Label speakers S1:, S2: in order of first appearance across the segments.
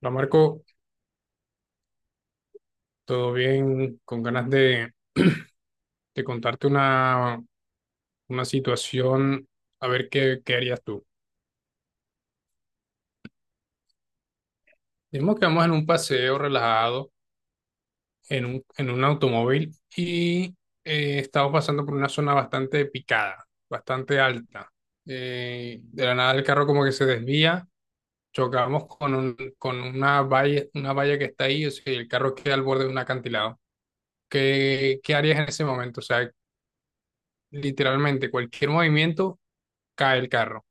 S1: No, Marco, todo bien, con ganas de contarte una situación, a ver qué harías tú. Digamos que vamos en un paseo relajado, en en un automóvil, y estamos pasando por una zona bastante picada, bastante alta. De la nada el carro como que se desvía, chocamos con una valla que está ahí, o sea, el carro queda al borde de un acantilado. Qué harías en ese momento? O sea, literalmente cualquier movimiento cae el carro.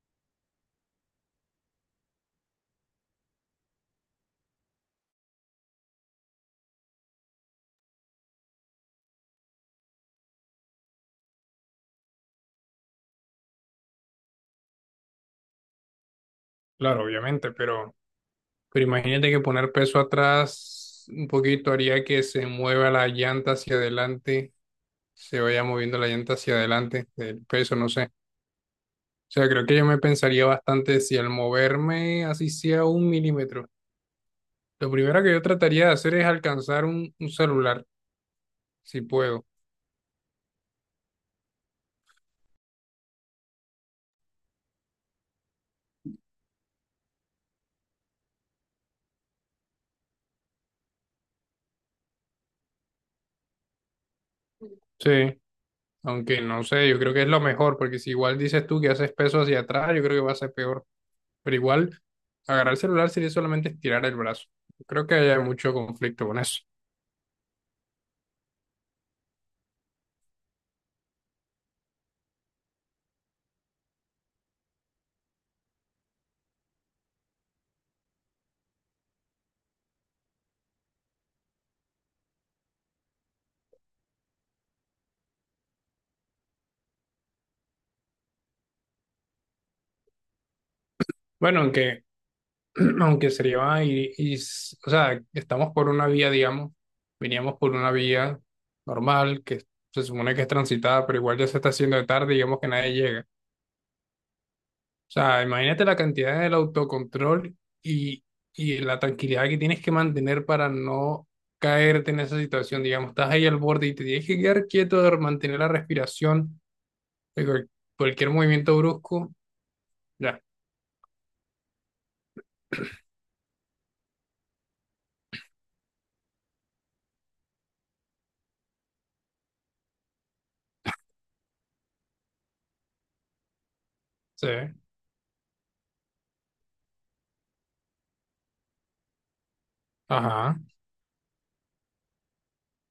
S1: Claro, obviamente, pero imagínate que poner peso atrás un poquito haría que se mueva la llanta hacia adelante, se vaya moviendo la llanta hacia adelante del peso, no sé. O sea, creo que yo me pensaría bastante si al moverme así sea un milímetro. Lo primero que yo trataría de hacer es alcanzar un celular, si puedo. Sí, aunque no sé, yo creo que es lo mejor, porque si igual dices tú que haces peso hacia atrás, yo creo que va a ser peor. Pero igual, agarrar el celular sería solamente estirar el brazo. Creo que hay mucho conflicto con eso. Bueno, aunque sería, y, s- o sea, estamos por una vía, digamos, veníamos por una vía normal, que se supone que es transitada, pero igual ya se está haciendo de tarde, digamos que nadie llega. O sea, imagínate la cantidad del autocontrol y, y la tranquilidad que tienes que mantener para no caerte en esa situación, digamos, estás ahí al borde y te tienes que quedar quieto, mantener la respiración de cual- cualquier movimiento brusco, ya, se. Ajá.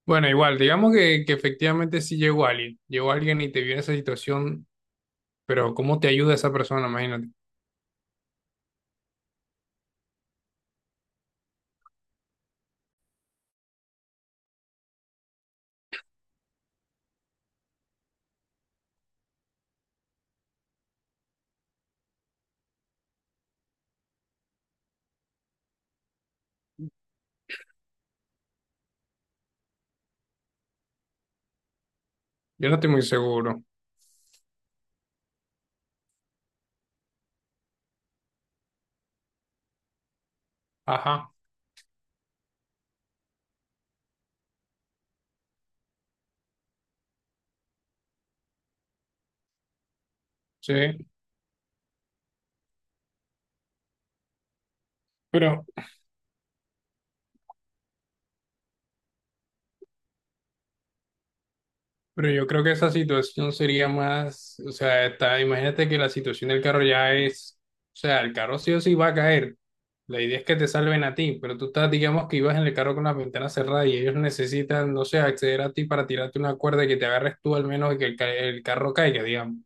S1: Bueno, igual, digamos que efectivamente sí llegó alguien y te vio en esa situación, pero ¿cómo te ayuda esa persona? Imagínate. Yo no estoy muy seguro. Ajá, sí. Pero Pero yo creo que esa situación sería más, o sea, está, imagínate que la situación del carro ya es, o sea, el carro sí o sí va a caer. La idea es que te salven a ti, pero tú estás, digamos que ibas en el carro con la ventana cerrada y ellos necesitan, no sé, acceder a ti para tirarte una cuerda y que te agarres tú al menos y que el carro caiga, digamos.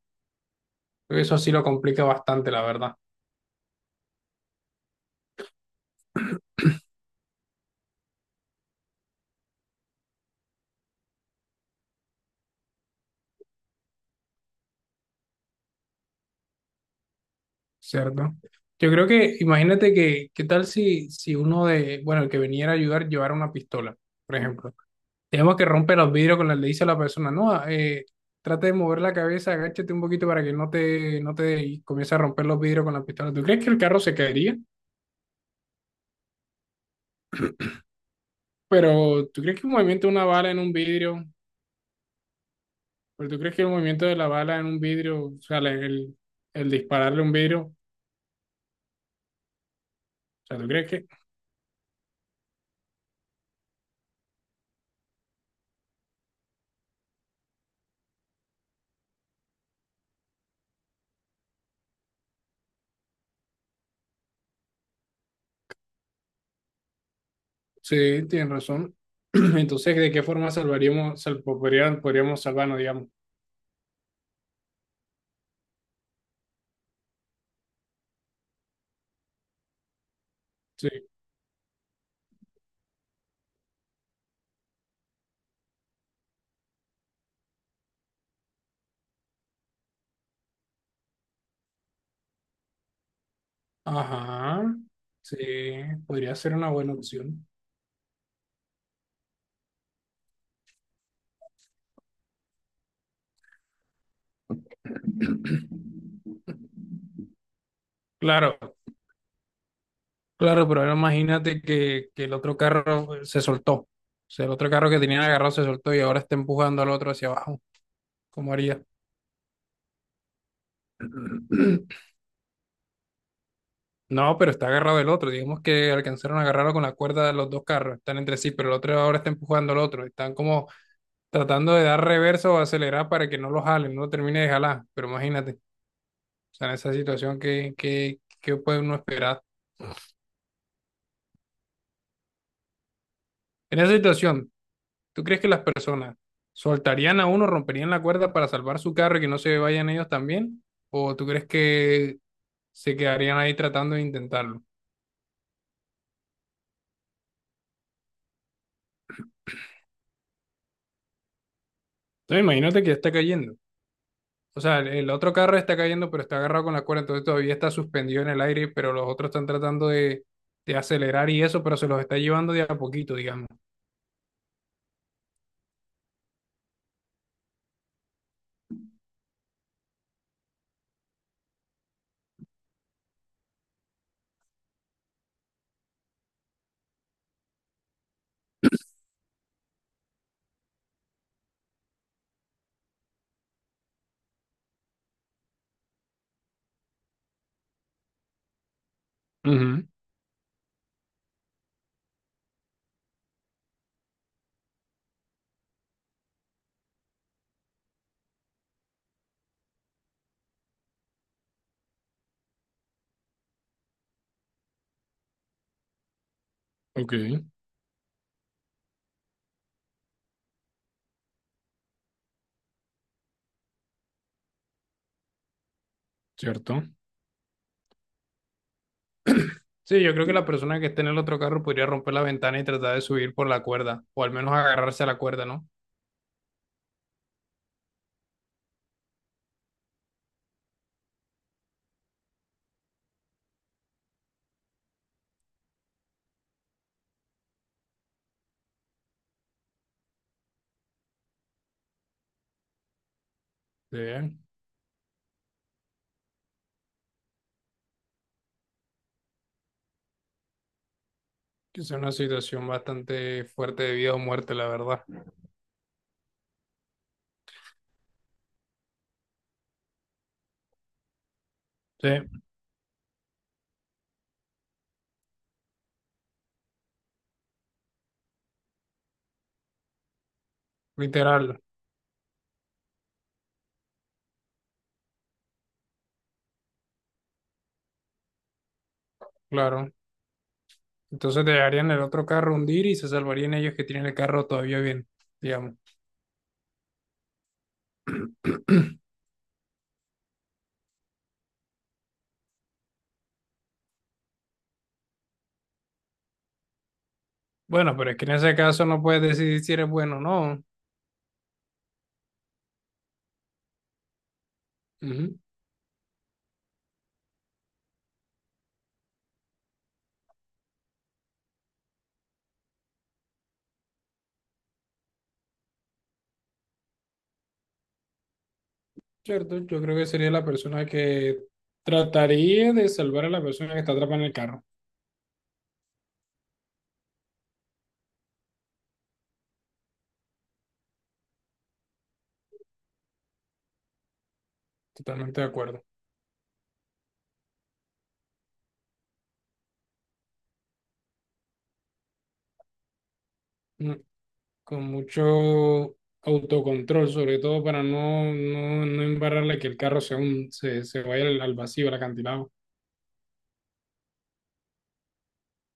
S1: Creo que eso sí lo complica bastante, la verdad. Cierto. Yo creo que, imagínate que, ¿qué tal si uno de, bueno, el que venía a ayudar llevara una pistola, por ejemplo? Digamos que rompe los vidrios con la le dice a la persona, no, trata de mover la cabeza, agáchate un poquito para que no te y comience a romper los vidrios con la pistola. ¿Tú crees que el carro se caería? Pero ¿tú crees que el movimiento de una bala en un vidrio, pero tú crees que el movimiento de la bala en un vidrio, o sea, el dispararle un vidrio, o sea, ¿tú crees que? Sí, tienes razón. Entonces, ¿de qué forma podríamos salvarnos, digamos? Sí. Ajá. Sí, podría ser una buena opción. Claro, claro, pero ahora imagínate que el otro carro se soltó. O sea, el otro carro que tenían agarrado se soltó y ahora está empujando al otro hacia abajo. ¿Cómo haría? No, pero está agarrado el otro. Digamos que alcanzaron a agarrarlo con la cuerda de los dos carros. Están entre sí, pero el otro ahora está empujando al otro. Están como tratando de dar reversa o acelerar para que no lo jalen, no lo termine de jalar. Pero imagínate, o sea, en esa situación, qué puede uno esperar? En esa situación, ¿tú crees que las personas soltarían a uno, romperían la cuerda para salvar su carro y que no se vayan ellos también? ¿O tú crees que se quedarían ahí tratando de intentarlo? Entonces imagínate que ya está cayendo. O sea, el otro carro está cayendo, pero está agarrado con la cuerda, entonces todavía está suspendido en el aire, pero los otros están tratando de acelerar y eso, pero se los está llevando de a poquito, digamos. Ujú. Ok. Cierto. Sí, yo creo que la persona que esté en el otro carro podría romper la ventana y tratar de subir por la cuerda, o al menos agarrarse a la cuerda, ¿no? Sí, que es una situación bastante fuerte de vida o muerte, la verdad. Sí, literal, claro. Entonces dejarían el otro carro hundir y se salvarían ellos que tienen el carro todavía bien, digamos. Bueno, pero es que en ese caso no puedes decidir si eres bueno o no. Ujú. Cierto, yo creo que sería la persona que trataría de salvar a la persona que está atrapada en el carro. Totalmente de acuerdo. Mm, con mucho autocontrol, sobre todo para no embarrarle que el carro se vaya al vacío, al acantilado.